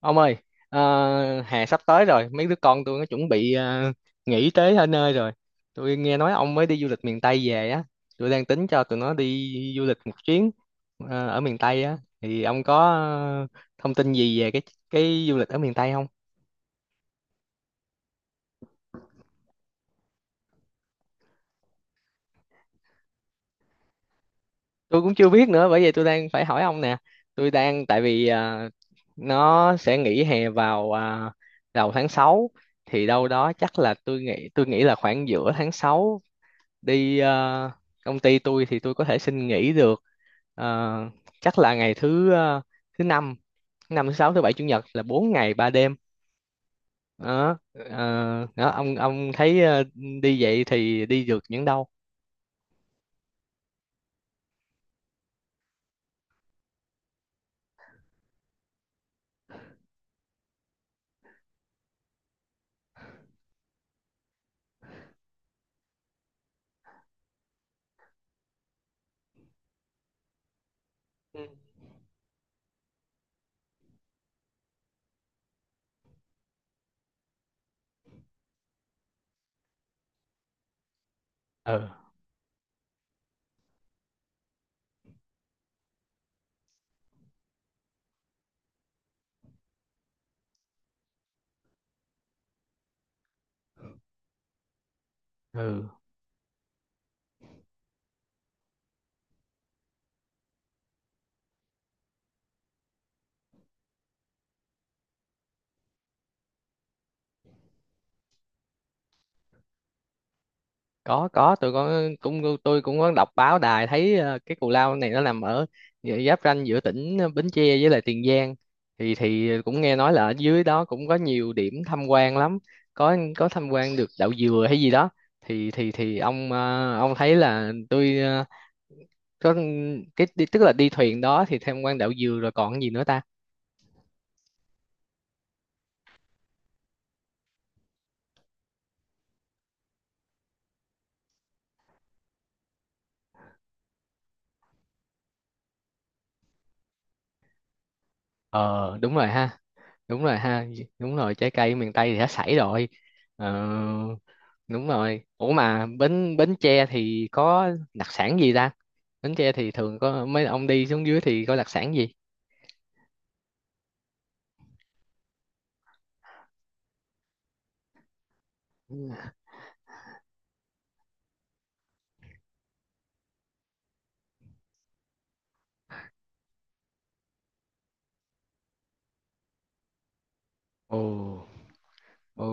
Ông ơi, hè sắp tới rồi, mấy đứa con tôi nó chuẩn bị nghỉ tới ở nơi rồi. Tôi nghe nói ông mới đi du lịch miền Tây về á, tôi đang tính cho tụi nó đi du lịch một chuyến ở miền Tây á, thì ông có thông tin gì về cái du lịch ở miền Tây không? Tôi cũng chưa biết nữa, bởi vậy tôi đang phải hỏi ông nè. Tôi đang tại vì nó sẽ nghỉ hè vào đầu tháng 6, thì đâu đó chắc là tôi nghĩ là khoảng giữa tháng 6. Đi công ty tôi thì tôi có thể xin nghỉ được, ờ, chắc là ngày thứ năm, thứ sáu, thứ bảy, chủ nhật, là 4 ngày ba đêm đó. Ờ, Đó ông, thấy đi vậy thì đi được những đâu? Ừ, ừ, có tụi con cũng tôi cũng có đọc báo đài thấy cái cù lao này nó nằm ở giáp ranh giữa tỉnh Bến Tre với lại Tiền Giang, thì cũng nghe nói là ở dưới đó cũng có nhiều điểm tham quan lắm. Có tham quan được đậu dừa hay gì đó. Thì ông ông thấy là tôi có cái tức là đi thuyền đó thì tham quan đậu dừa rồi còn gì nữa ta? Ờ đúng rồi ha, đúng rồi ha, đúng rồi, trái cây miền Tây thì đã sảy rồi. ờ, Đúng rồi, ủa mà Bến Bến Tre thì có đặc sản gì ta? Bến Tre thì thường có mấy ông đi xuống dưới thì có đặc sản gì? Ồ. Ồ.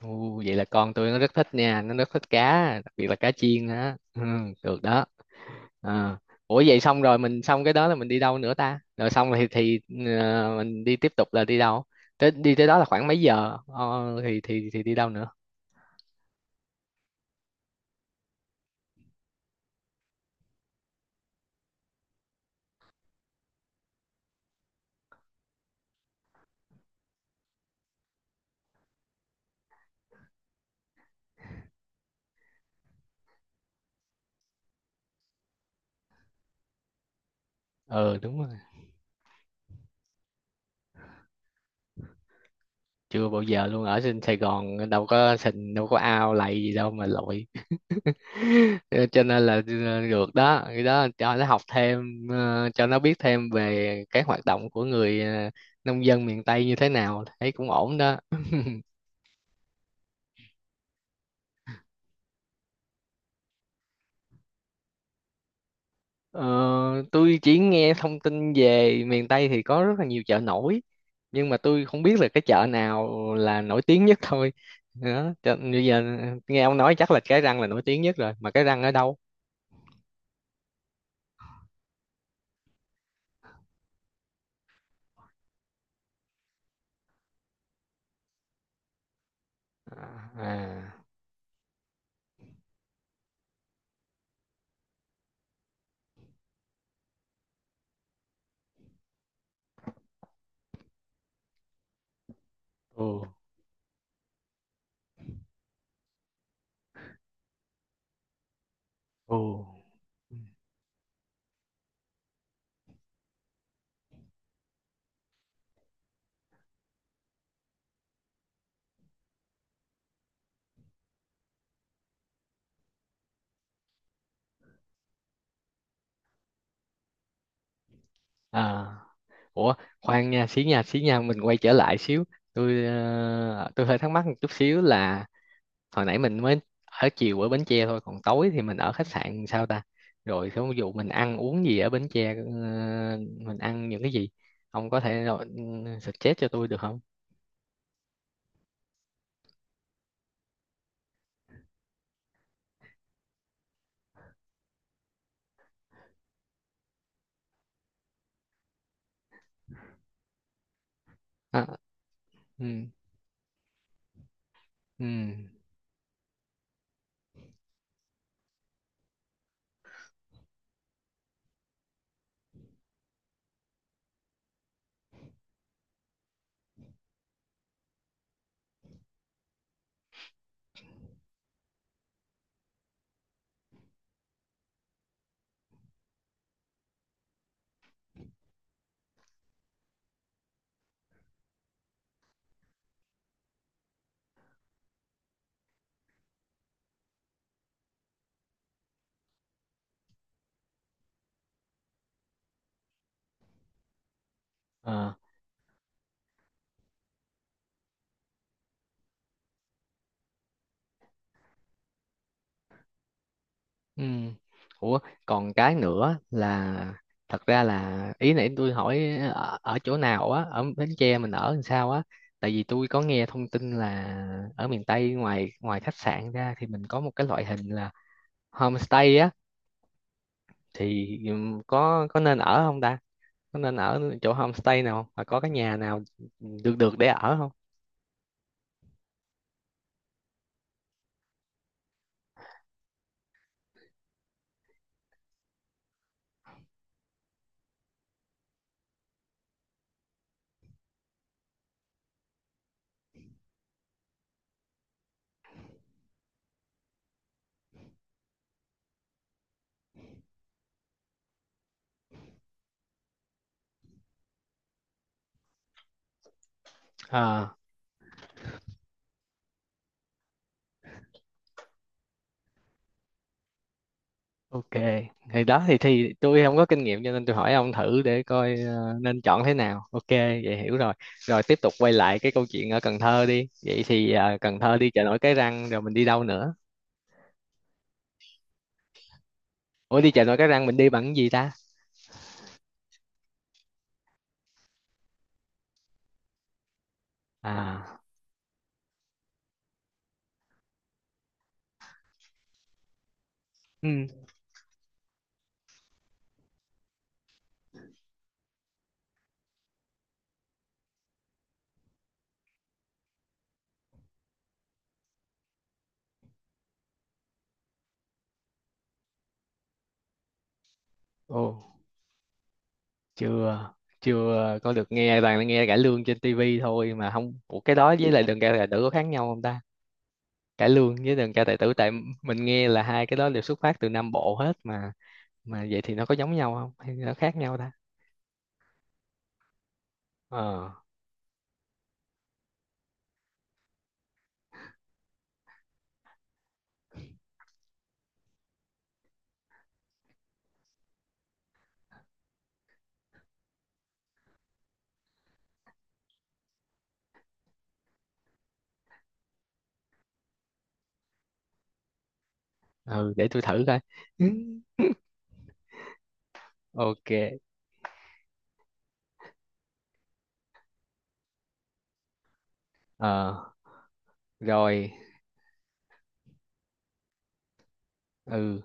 Ồ, vậy là con tôi nó rất thích nha, nó rất thích cá, đặc biệt là cá chiên á. Ừ, được đó. À. Ủa vậy xong rồi, mình xong cái đó là mình đi đâu nữa ta? Rồi xong thì mình đi tiếp tục là đi đâu? Tới đi tới đó là khoảng mấy giờ thì thì đi đâu nữa? Ờ đúng rồi. Chưa bao giờ luôn, ở trên Sài Gòn đâu có sình, đâu có ao lầy gì đâu mà lội. Ờ, cho nên là được đó, cái đó cho nó học thêm, cho nó biết thêm về cái hoạt động của người nông dân miền Tây như thế nào, thấy cũng ổn đó. Ờ, tôi chỉ nghe thông tin về miền Tây thì có rất là nhiều chợ nổi, nhưng mà tôi không biết là cái chợ nào là nổi tiếng nhất thôi. Đó cho, bây giờ nghe ông nói chắc là cái răng là nổi tiếng nhất rồi, mà cái răng ở đâu? À, à. Ồ. Ồ. À. Ủa khoan nha, xí nha, xí nha, mình quay trở lại xíu. Tôi tôi hơi thắc mắc một chút xíu là hồi nãy mình mới ở chiều ở Bến Tre thôi, còn tối thì mình ở khách sạn sao ta? Rồi ví dụ mình ăn uống gì ở Bến Tre, mình ăn những cái gì, ông có thể rồi ừ, suggest cho tôi được không? À, ừ, ừ, ờ, ừ. Ủa còn cái nữa là, thật ra là ý nãy tôi hỏi ở, ở chỗ nào á, ở Bến Tre mình ở làm sao á, tại vì tôi có nghe thông tin là ở miền Tây ngoài ngoài khách sạn ra thì mình có một cái loại hình là homestay á. Thì có nên ở không ta? Có nên ở chỗ homestay nào không, và có cái nhà nào được được để ở không? À, ok, thì đó thì tôi không có kinh nghiệm cho nên tôi hỏi ông thử để coi nên chọn thế nào. Ok vậy hiểu rồi. Rồi tiếp tục quay lại cái câu chuyện ở Cần Thơ đi, vậy thì Cần Thơ đi chợ nổi Cái Răng rồi mình đi đâu nữa? Ủa đi chợ nổi Cái Răng mình đi bằng cái gì ta? À. Ừ. Ồ. Chưa. Chưa có được nghe, toàn là nghe cải lương trên tivi thôi, mà không, ủa cái đó với lại đường cải là đỡ có khác nhau không ta? Cải lương với đờn ca tài tử, tại mình nghe là hai cái đó đều xuất phát từ Nam Bộ hết mà vậy thì nó có giống nhau không hay nó khác nhau ta? Ờ. Ừ để tôi thử coi. Ừ, ok. Ờ. Rồi. Ừ.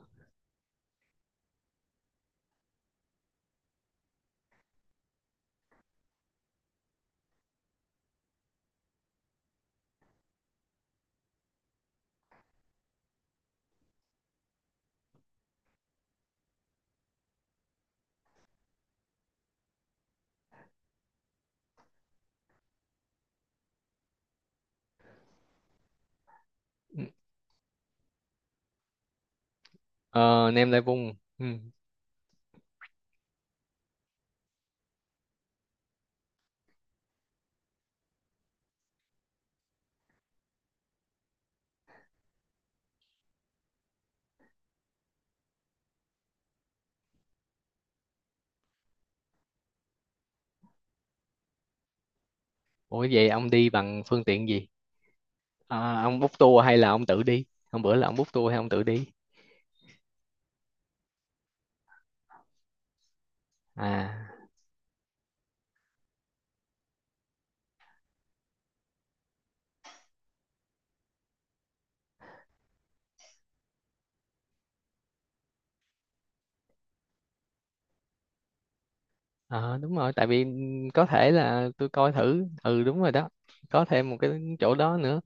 Ờ nem lai vung. Ừ. Ủa vậy ông đi bằng phương tiện gì, à, ông book tour hay là ông tự đi? Hôm bữa là ông book tour hay ông tự đi? À. Ờ đúng rồi, tại vì có thể là tôi coi thử, ừ đúng rồi đó, có thêm một cái chỗ đó nữa,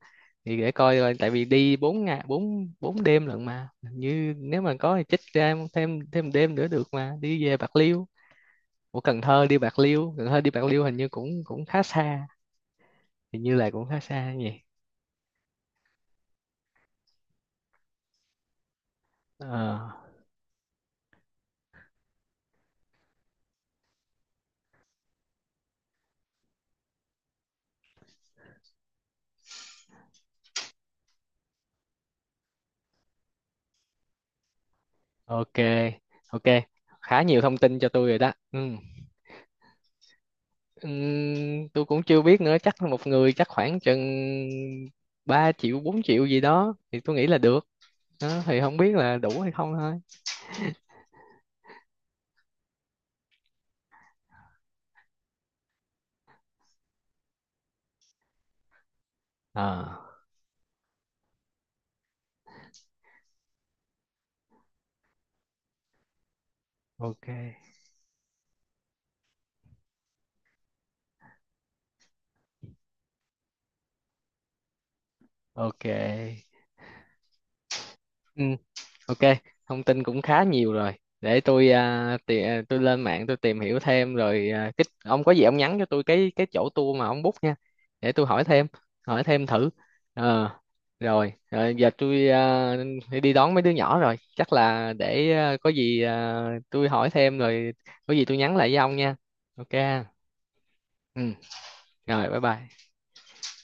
thì để coi rồi, tại vì đi bốn ngày, bốn bốn đêm lận mà, như nếu mà có thì chích ra thêm, thêm đêm nữa được mà đi về Bạc Liêu. Của Cần Thơ đi Bạc Liêu, Cần Thơ đi Bạc Liêu hình như cũng cũng khá xa. Hình như là cũng khá xa nhỉ? Ờ ok, ok, khá nhiều thông tin cho tôi rồi đó. Ừ. Tôi cũng chưa biết nữa, chắc một người chắc khoảng chừng 3 triệu 4 triệu gì đó thì tôi nghĩ là được đó, thì không biết là đủ hay không thôi. À ok. Ok. Ok, thông tin cũng khá nhiều rồi. Để tôi tôi lên mạng tôi tìm hiểu thêm rồi cái, ông có gì ông nhắn cho tôi cái chỗ tour mà ông book nha. Để tôi hỏi thêm thử. Ờ rồi, giờ tôi phải đi đón mấy đứa nhỏ rồi. Chắc là để có gì tôi hỏi thêm rồi có gì tôi nhắn lại với ông nha. Ok. Ừ, rồi bye bye.